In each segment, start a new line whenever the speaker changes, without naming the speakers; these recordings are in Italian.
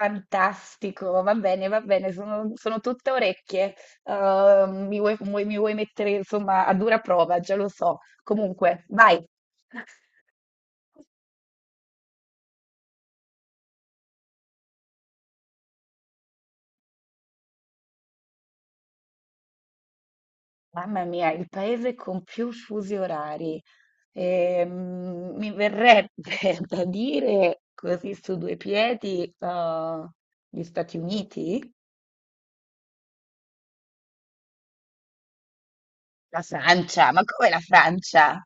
Fantastico, va bene, sono tutte orecchie. Mi vuoi mettere insomma a dura prova, già lo so. Comunque, vai. Mamma mia, il paese con più fusi orari. Mi verrebbe da dire così su due piedi, gli Stati Uniti? La Francia, ma come la Francia?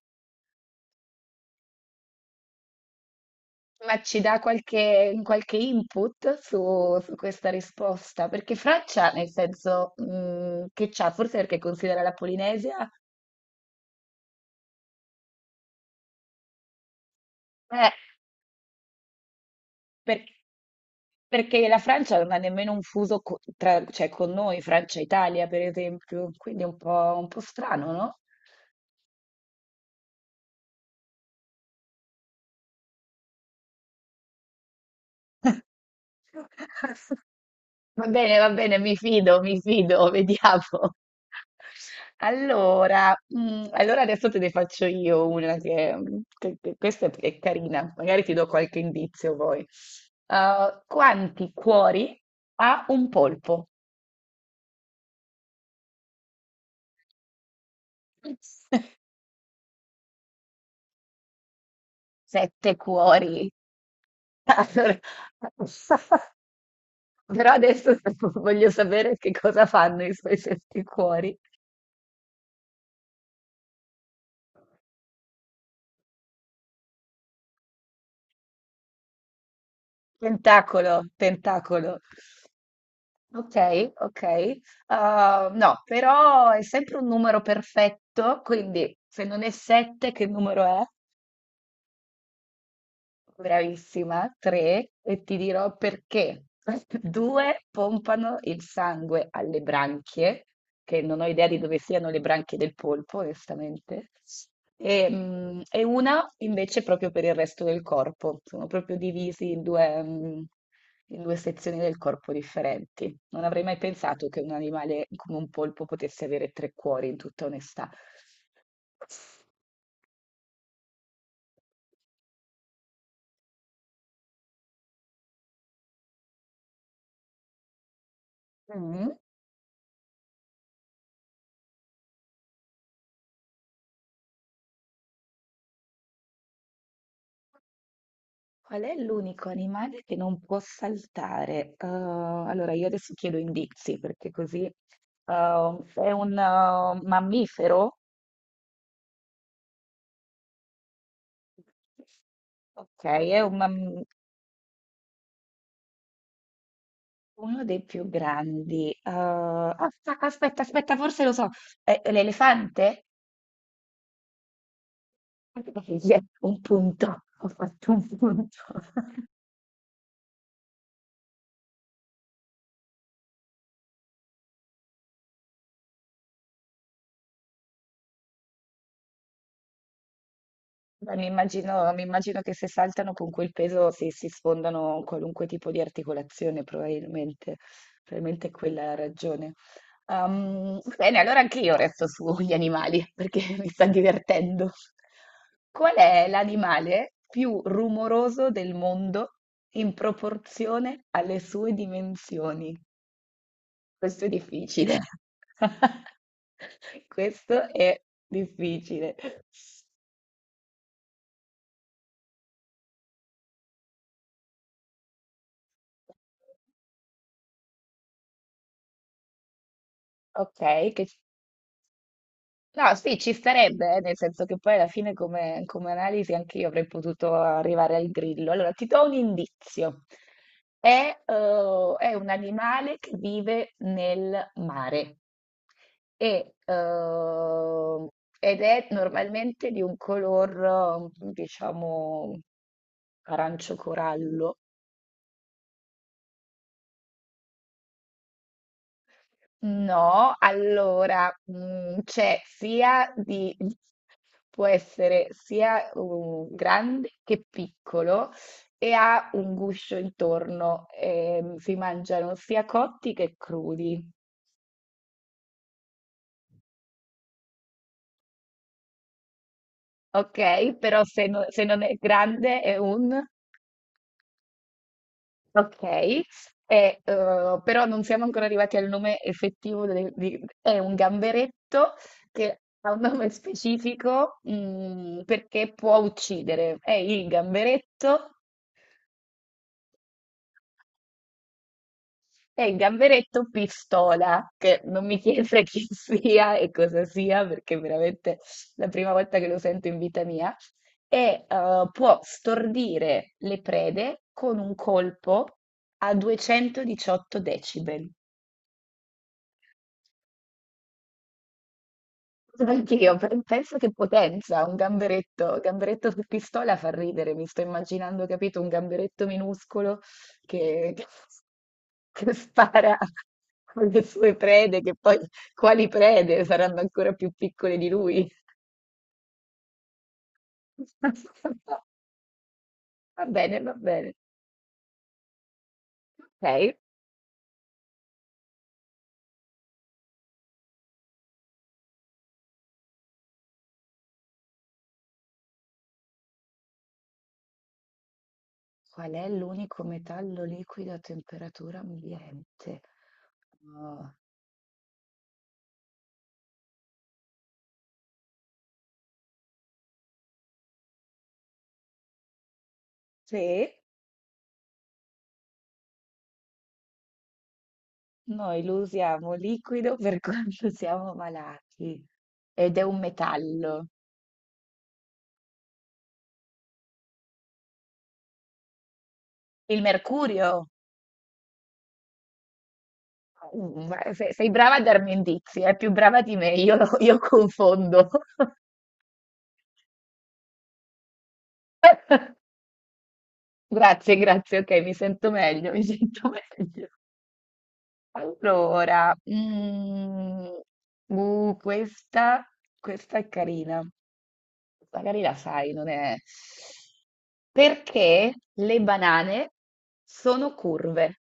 Ma ci dà qualche input su questa risposta? Perché Francia, nel senso che c'ha, forse perché considera la Polinesia, eh, per- perché la Francia non ha nemmeno un fuso cioè, con noi, Francia e Italia, per esempio, quindi è un po' strano, no? Va bene, mi fido, vediamo. Allora, adesso te ne faccio io una questa è carina, magari ti do qualche indizio poi. Quanti cuori ha un polpo? Sette cuori. Allora, però adesso voglio sapere che cosa fanno i suoi sette cuori. Tentacolo, tentacolo. Ok, ok. No, però è sempre un numero perfetto, quindi se non è 7, che numero è? Bravissima, tre, e ti dirò perché. Due pompano il sangue alle branchie, che non ho idea di dove siano le branchie del polpo, onestamente, e una invece proprio per il resto del corpo. Sono proprio divisi in due, in due sezioni del corpo differenti. Non avrei mai pensato che un animale come un polpo potesse avere tre cuori, in tutta onestà. Mm. Qual è l'unico animale che non può saltare? Allora, io adesso chiedo indizi perché così è un mammifero? Ok, uno dei più grandi. Ah, aspetta, aspetta, forse lo so. È l'elefante? Un punto, ho fatto un punto. Beh, mi immagino che se saltano con quel peso si sfondano qualunque tipo di articolazione, probabilmente, probabilmente quella è la ragione. Bene, allora anche io resto sugli animali perché mi sta divertendo. Qual è l'animale più rumoroso del mondo in proporzione alle sue dimensioni? Questo è difficile. Questo è difficile. Ok, che... No, sì, ci starebbe, nel senso che poi alla fine come analisi anche io avrei potuto arrivare al grillo. Allora, ti do un indizio. È un animale che vive nel mare e, eh, ed è normalmente di un color, diciamo, arancio corallo. No, allora, può essere sia grande che piccolo e ha un guscio intorno, si mangiano sia cotti che crudi, ok? Però se non è grande è un... Okay, però non siamo ancora arrivati al nome effettivo de di è un gamberetto che ha un nome specifico, perché può uccidere. È il gamberetto pistola, che non mi chiede chi sia e cosa sia, perché è veramente la prima volta che lo sento in vita mia. E, può stordire le prede con un colpo a 218 decibel. Anch'io penso che potenza, un gamberetto, gamberetto su pistola fa ridere, mi sto immaginando, capito, un gamberetto minuscolo che, che spara con le sue prede, che poi quali prede saranno ancora più piccole di lui. Va bene, va bene. Ok. Qual è l'unico metallo liquido a temperatura ambiente? Oh, sì. Noi lo usiamo liquido per quando siamo malati ed è un metallo. Il mercurio? Ma sei brava a darmi indizi, è più brava di me, io confondo. Grazie, grazie, ok, mi sento meglio, mi sento meglio. Allora, uh, questa, questa è carina. Magari la sai, non è... Perché le banane sono curve?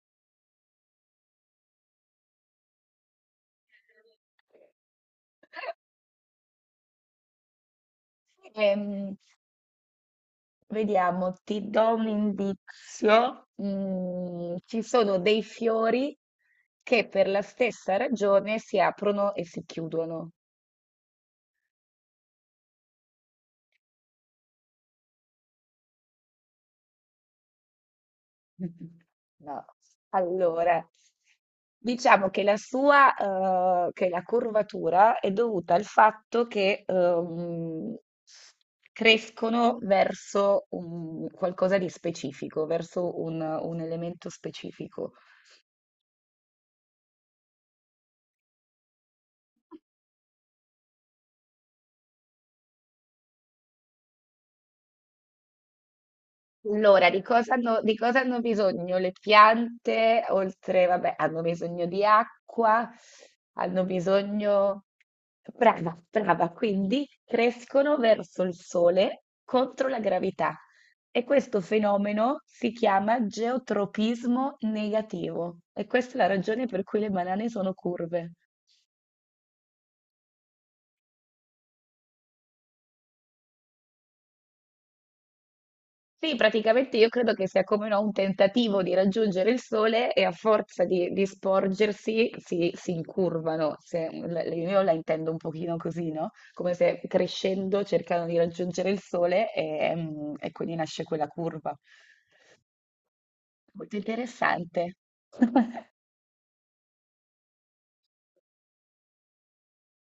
Ehm, Vediamo, ti do un indizio. Ci sono dei fiori che per la stessa ragione si aprono e si chiudono. No. Allora, diciamo che la curvatura è dovuta al fatto che crescono qualcosa di specifico, verso un elemento specifico. Allora, di cosa hanno bisogno le piante? Oltre, vabbè, hanno bisogno di acqua, hanno bisogno... Brava, brava, quindi crescono verso il sole contro la gravità e questo fenomeno si chiama geotropismo negativo e questa è la ragione per cui le banane sono curve. Sì, praticamente io credo che sia come no, un tentativo di raggiungere il sole e a forza di sporgersi si incurvano. Io la intendo un pochino così, no? Come se crescendo cercano di raggiungere il sole e quindi nasce quella curva. Molto interessante.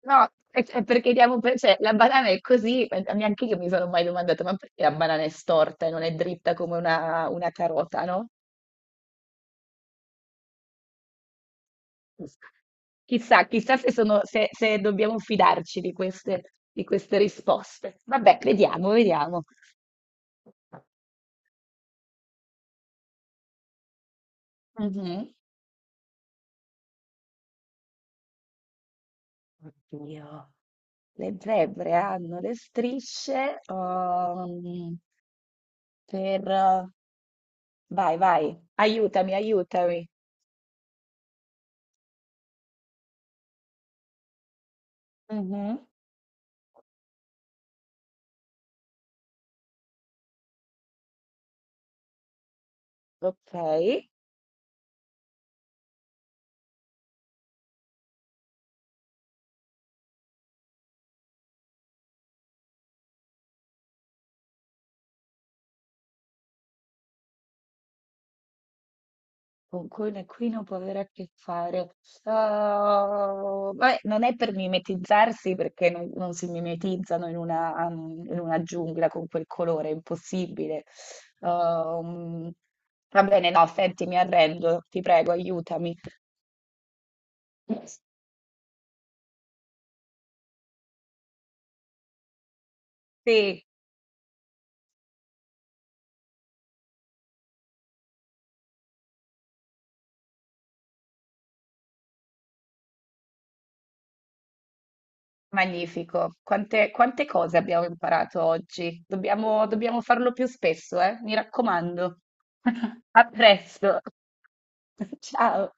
No, è perché diamo cioè, la banana è così, neanche io mi sono mai domandata, ma perché la banana è storta e non è dritta come una carota, no? Chissà, chissà se sono, se, se dobbiamo fidarci di queste risposte. Vabbè, vediamo, vediamo. Mhm. Oddio, le zebre hanno le strisce, per... Vai, vai, aiutami, aiutami. Mhm. Ok. Con quelle qui non può avere a che fare. Ah, vabbè, non è per mimetizzarsi perché non si mimetizzano in una giungla con quel colore, è impossibile. Um, Va bene, no, senti, mi arrendo, ti prego, aiutami. Sì, magnifico. Quante cose abbiamo imparato oggi? Dobbiamo farlo più spesso, eh? Mi raccomando. A presto. Ciao.